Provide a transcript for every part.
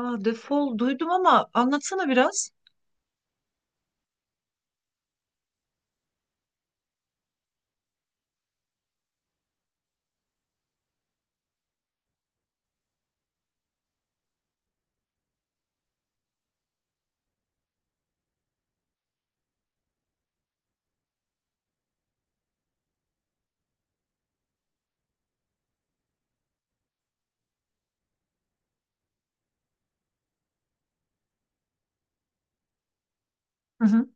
Aa, defol duydum ama anlatsana biraz. Hı hı.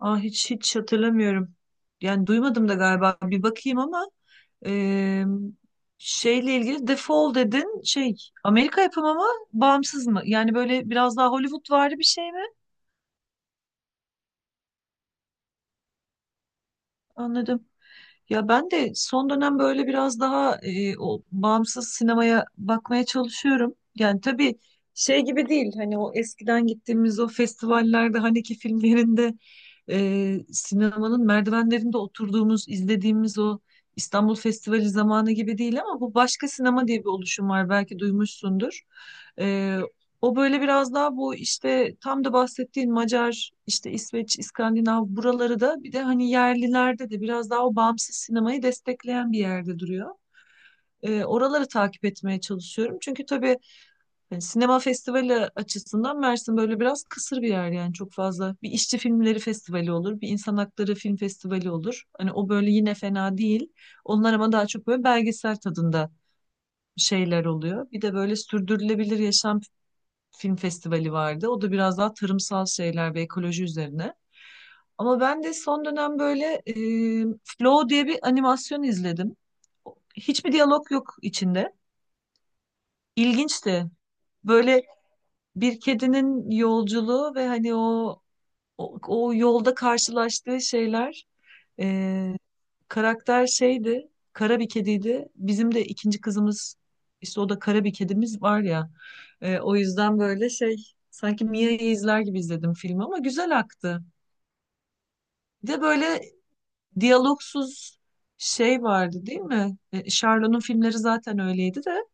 Aa, hiç hatırlamıyorum. Yani duymadım da galiba bir bakayım ama eee, şeyle ilgili defol dedin, şey, Amerika yapımı mı, bağımsız mı? Yani böyle biraz daha Hollywood vardı, bir şey mi? Anladım. Ya ben de son dönem böyle biraz daha o bağımsız sinemaya bakmaya çalışıyorum. Yani tabii şey gibi değil, hani o eskiden gittiğimiz o festivallerde, Haneke filmlerinde, sinemanın merdivenlerinde oturduğumuz, izlediğimiz o İstanbul Festivali zamanı gibi değil, ama bu Başka Sinema diye bir oluşum var, belki duymuşsundur. E, o böyle biraz daha bu işte tam da bahsettiğin Macar, işte İsveç, İskandinav buraları da, bir de hani yerlilerde de biraz daha o bağımsız sinemayı destekleyen bir yerde duruyor. Oraları takip etmeye çalışıyorum. Çünkü tabii yani sinema festivali açısından Mersin böyle biraz kısır bir yer, yani çok fazla. Bir işçi filmleri festivali olur, bir insan hakları film festivali olur. Hani o böyle yine fena değil. Onlar ama daha çok böyle belgesel tadında şeyler oluyor. Bir de böyle sürdürülebilir yaşam film festivali vardı. O da biraz daha tarımsal şeyler ve ekoloji üzerine. Ama ben de son dönem böyle Flow diye bir animasyon izledim. Hiçbir diyalog yok içinde. İlginçti. Böyle bir kedinin yolculuğu ve hani o, o yolda karşılaştığı şeyler, e, karakter şeydi, kara bir kediydi. Bizim de ikinci kızımız, işte o da kara bir kedimiz var ya. O yüzden böyle şey, sanki Mia'yı izler gibi izledim filmi ama güzel aktı. Bir de böyle diyalogsuz şey vardı değil mi? Sharlo'nun filmleri zaten öyleydi de.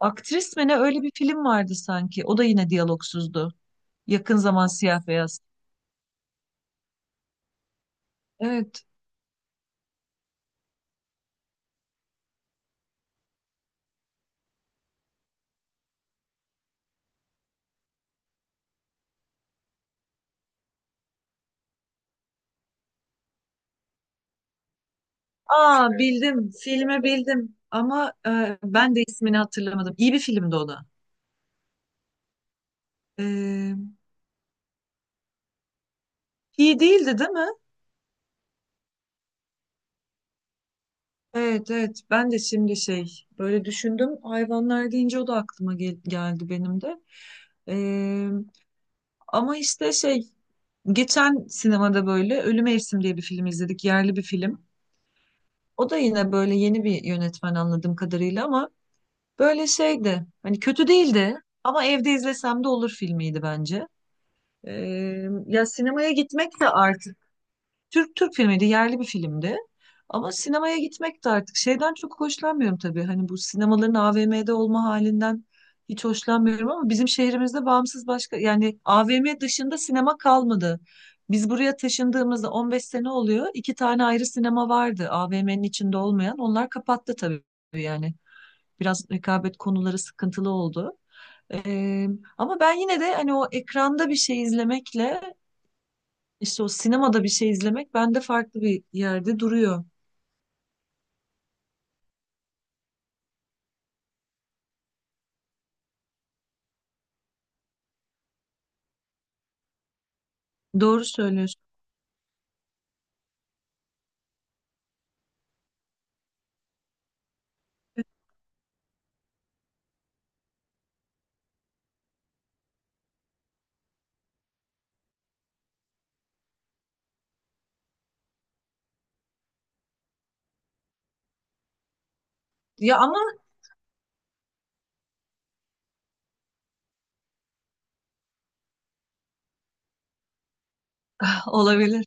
Aktris mi ne, öyle bir film vardı sanki. O da yine diyalogsuzdu. Yakın zaman siyah beyaz. Evet. Aa, bildim. Filmi bildim. Ama ben de ismini hatırlamadım. İyi bir filmdi o da. Ee, iyi değildi değil mi? Evet, evet. Ben de şimdi şey böyle düşündüm. Hayvanlar deyince o da aklıma geldi benim de. Ee, ama işte şey, geçen sinemada böyle Ölü Mevsim diye bir film izledik. Yerli bir film. O da yine böyle yeni bir yönetmen anladığım kadarıyla ama böyle şeydi. Hani kötü değildi ama evde izlesem de olur filmiydi bence. Ee, ya sinemaya gitmek de artık, Türk Türk filmiydi, yerli bir filmdi. Ama sinemaya gitmek de artık, şeyden çok hoşlanmıyorum tabii. Hani bu sinemaların AVM'de olma halinden hiç hoşlanmıyorum, ama bizim şehrimizde bağımsız, başka yani AVM dışında sinema kalmadı. Biz buraya taşındığımızda 15 sene oluyor. İki tane ayrı sinema vardı AVM'nin içinde olmayan. Onlar kapattı tabii yani. Biraz rekabet konuları sıkıntılı oldu. Ee, ama ben yine de hani o ekranda bir şey izlemekle işte o sinemada bir şey izlemek bende farklı bir yerde duruyor. Doğru söylüyorsun. Ya ama olabilir.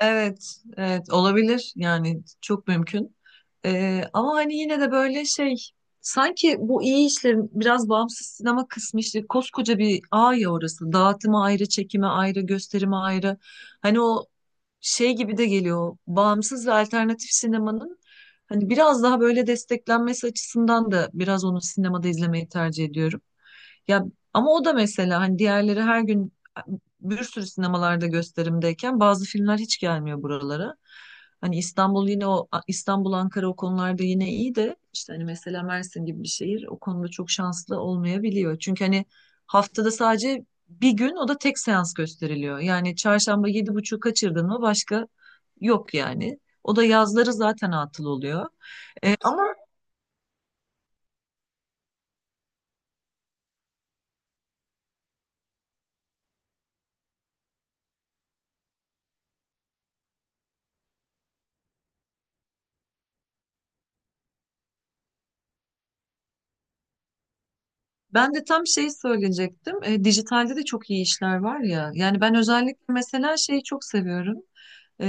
Evet, evet olabilir yani, çok mümkün. Ama hani yine de böyle şey, sanki bu iyi işlerin biraz bağımsız sinema kısmı işte koskoca bir ağ ya orası. Dağıtımı ayrı, çekimi ayrı, gösterimi ayrı. Hani o şey gibi de geliyor. Bağımsız ve alternatif sinemanın hani biraz daha böyle desteklenmesi açısından da biraz onu sinemada izlemeyi tercih ediyorum. Ya, ama o da mesela hani diğerleri her gün bir sürü sinemalarda gösterimdeyken bazı filmler hiç gelmiyor buralara. Hani İstanbul, yine o İstanbul Ankara o konularda yine iyi de, işte hani mesela Mersin gibi bir şehir o konuda çok şanslı olmayabiliyor. Çünkü hani haftada sadece bir gün, o da tek seans gösteriliyor. Yani çarşamba 7.30'u kaçırdın mı, başka yok yani. O da yazları zaten atıl oluyor. Ben de tam şey söyleyecektim. Dijitalde de çok iyi işler var ya. Yani ben özellikle mesela şeyi çok seviyorum. E,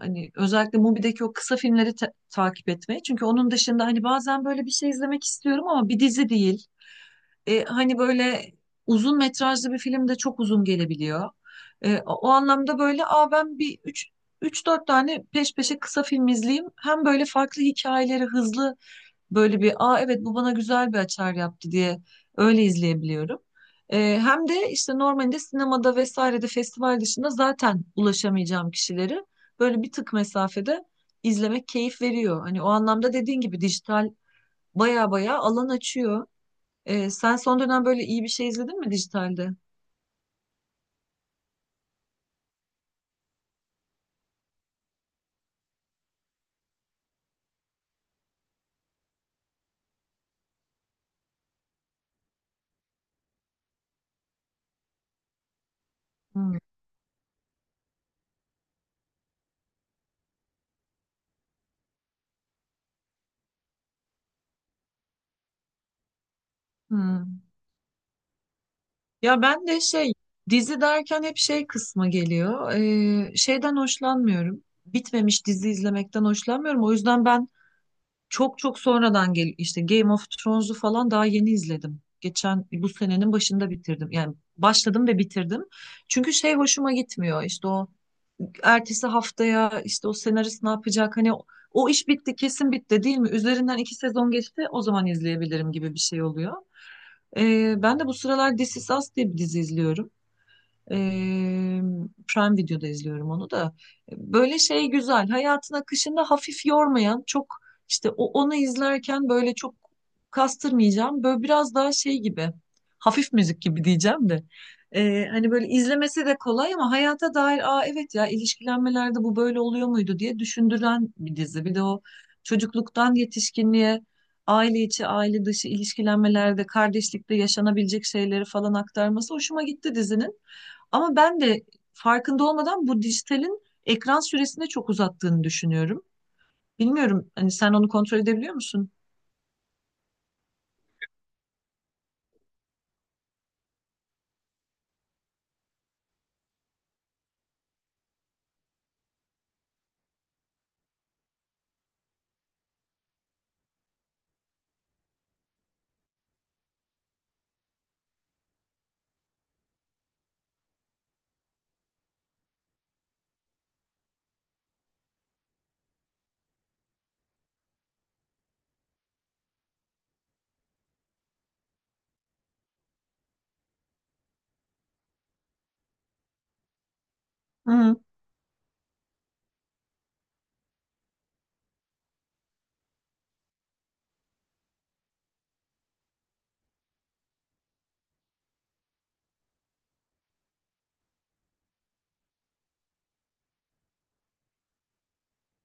hani özellikle Mubi'deki o kısa filmleri takip etmeyi. Çünkü onun dışında hani bazen böyle bir şey izlemek istiyorum ama bir dizi değil. Hani böyle uzun metrajlı bir film de çok uzun gelebiliyor. O anlamda böyle, aa, ben bir üç dört tane peş peşe kısa film izleyeyim. Hem böyle farklı hikayeleri hızlı. Böyle bir, aa, evet, bu bana güzel bir açar yaptı diye öyle izleyebiliyorum. Hem de işte normalde sinemada vesairede festival dışında zaten ulaşamayacağım kişileri böyle bir tık mesafede izlemek keyif veriyor. Hani o anlamda dediğin gibi dijital baya baya alan açıyor. Sen son dönem böyle iyi bir şey izledin mi dijitalde? Hmm. Hmm. Ya ben de şey, dizi derken hep şey kısmı geliyor. Şeyden hoşlanmıyorum. Bitmemiş dizi izlemekten hoşlanmıyorum. O yüzden ben çok, çok sonradan, gel işte Game of Thrones'u falan daha yeni izledim. Geçen bu senenin başında bitirdim. Yani başladım ve bitirdim. Çünkü şey hoşuma gitmiyor. İşte o ertesi haftaya işte o senarist ne yapacak? Hani o, o iş bitti, kesin bitti değil mi? Üzerinden iki sezon geçti, o zaman izleyebilirim gibi bir şey oluyor. Ben de bu sıralar This Is Us diye bir dizi izliyorum. Eee, Prime Video'da izliyorum onu da. Böyle şey güzel. Hayatın akışında hafif yormayan, çok, işte o onu izlerken böyle çok kastırmayacağım. Böyle biraz daha şey gibi. Hafif müzik gibi diyeceğim de. Hani böyle izlemesi de kolay ama hayata dair, aa, evet ya, ilişkilenmelerde bu böyle oluyor muydu diye düşündüren bir dizi. Bir de o çocukluktan yetişkinliğe aile içi, aile dışı ilişkilenmelerde, kardeşlikte yaşanabilecek şeyleri falan aktarması hoşuma gitti dizinin. Ama ben de farkında olmadan bu dijitalin ekran süresini çok uzattığını düşünüyorum. Bilmiyorum, hani sen onu kontrol edebiliyor musun? Hı hı.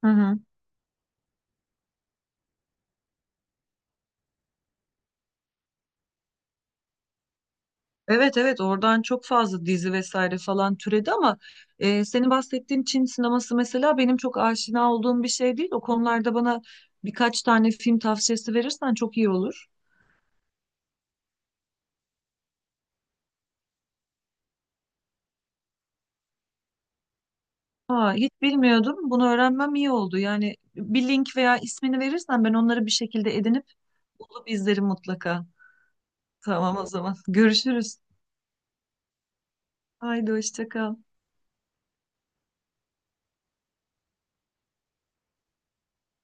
Hı hı. Evet, evet, oradan çok fazla dizi vesaire falan türedi ama senin bahsettiğin Çin sineması mesela benim çok aşina olduğum bir şey değil. O konularda bana birkaç tane film tavsiyesi verirsen çok iyi olur. Ha, hiç bilmiyordum. Bunu öğrenmem iyi oldu. Yani bir link veya ismini verirsen ben onları bir şekilde edinip bulup izlerim mutlaka. Tamam o zaman. Görüşürüz. Haydi hoşça kal.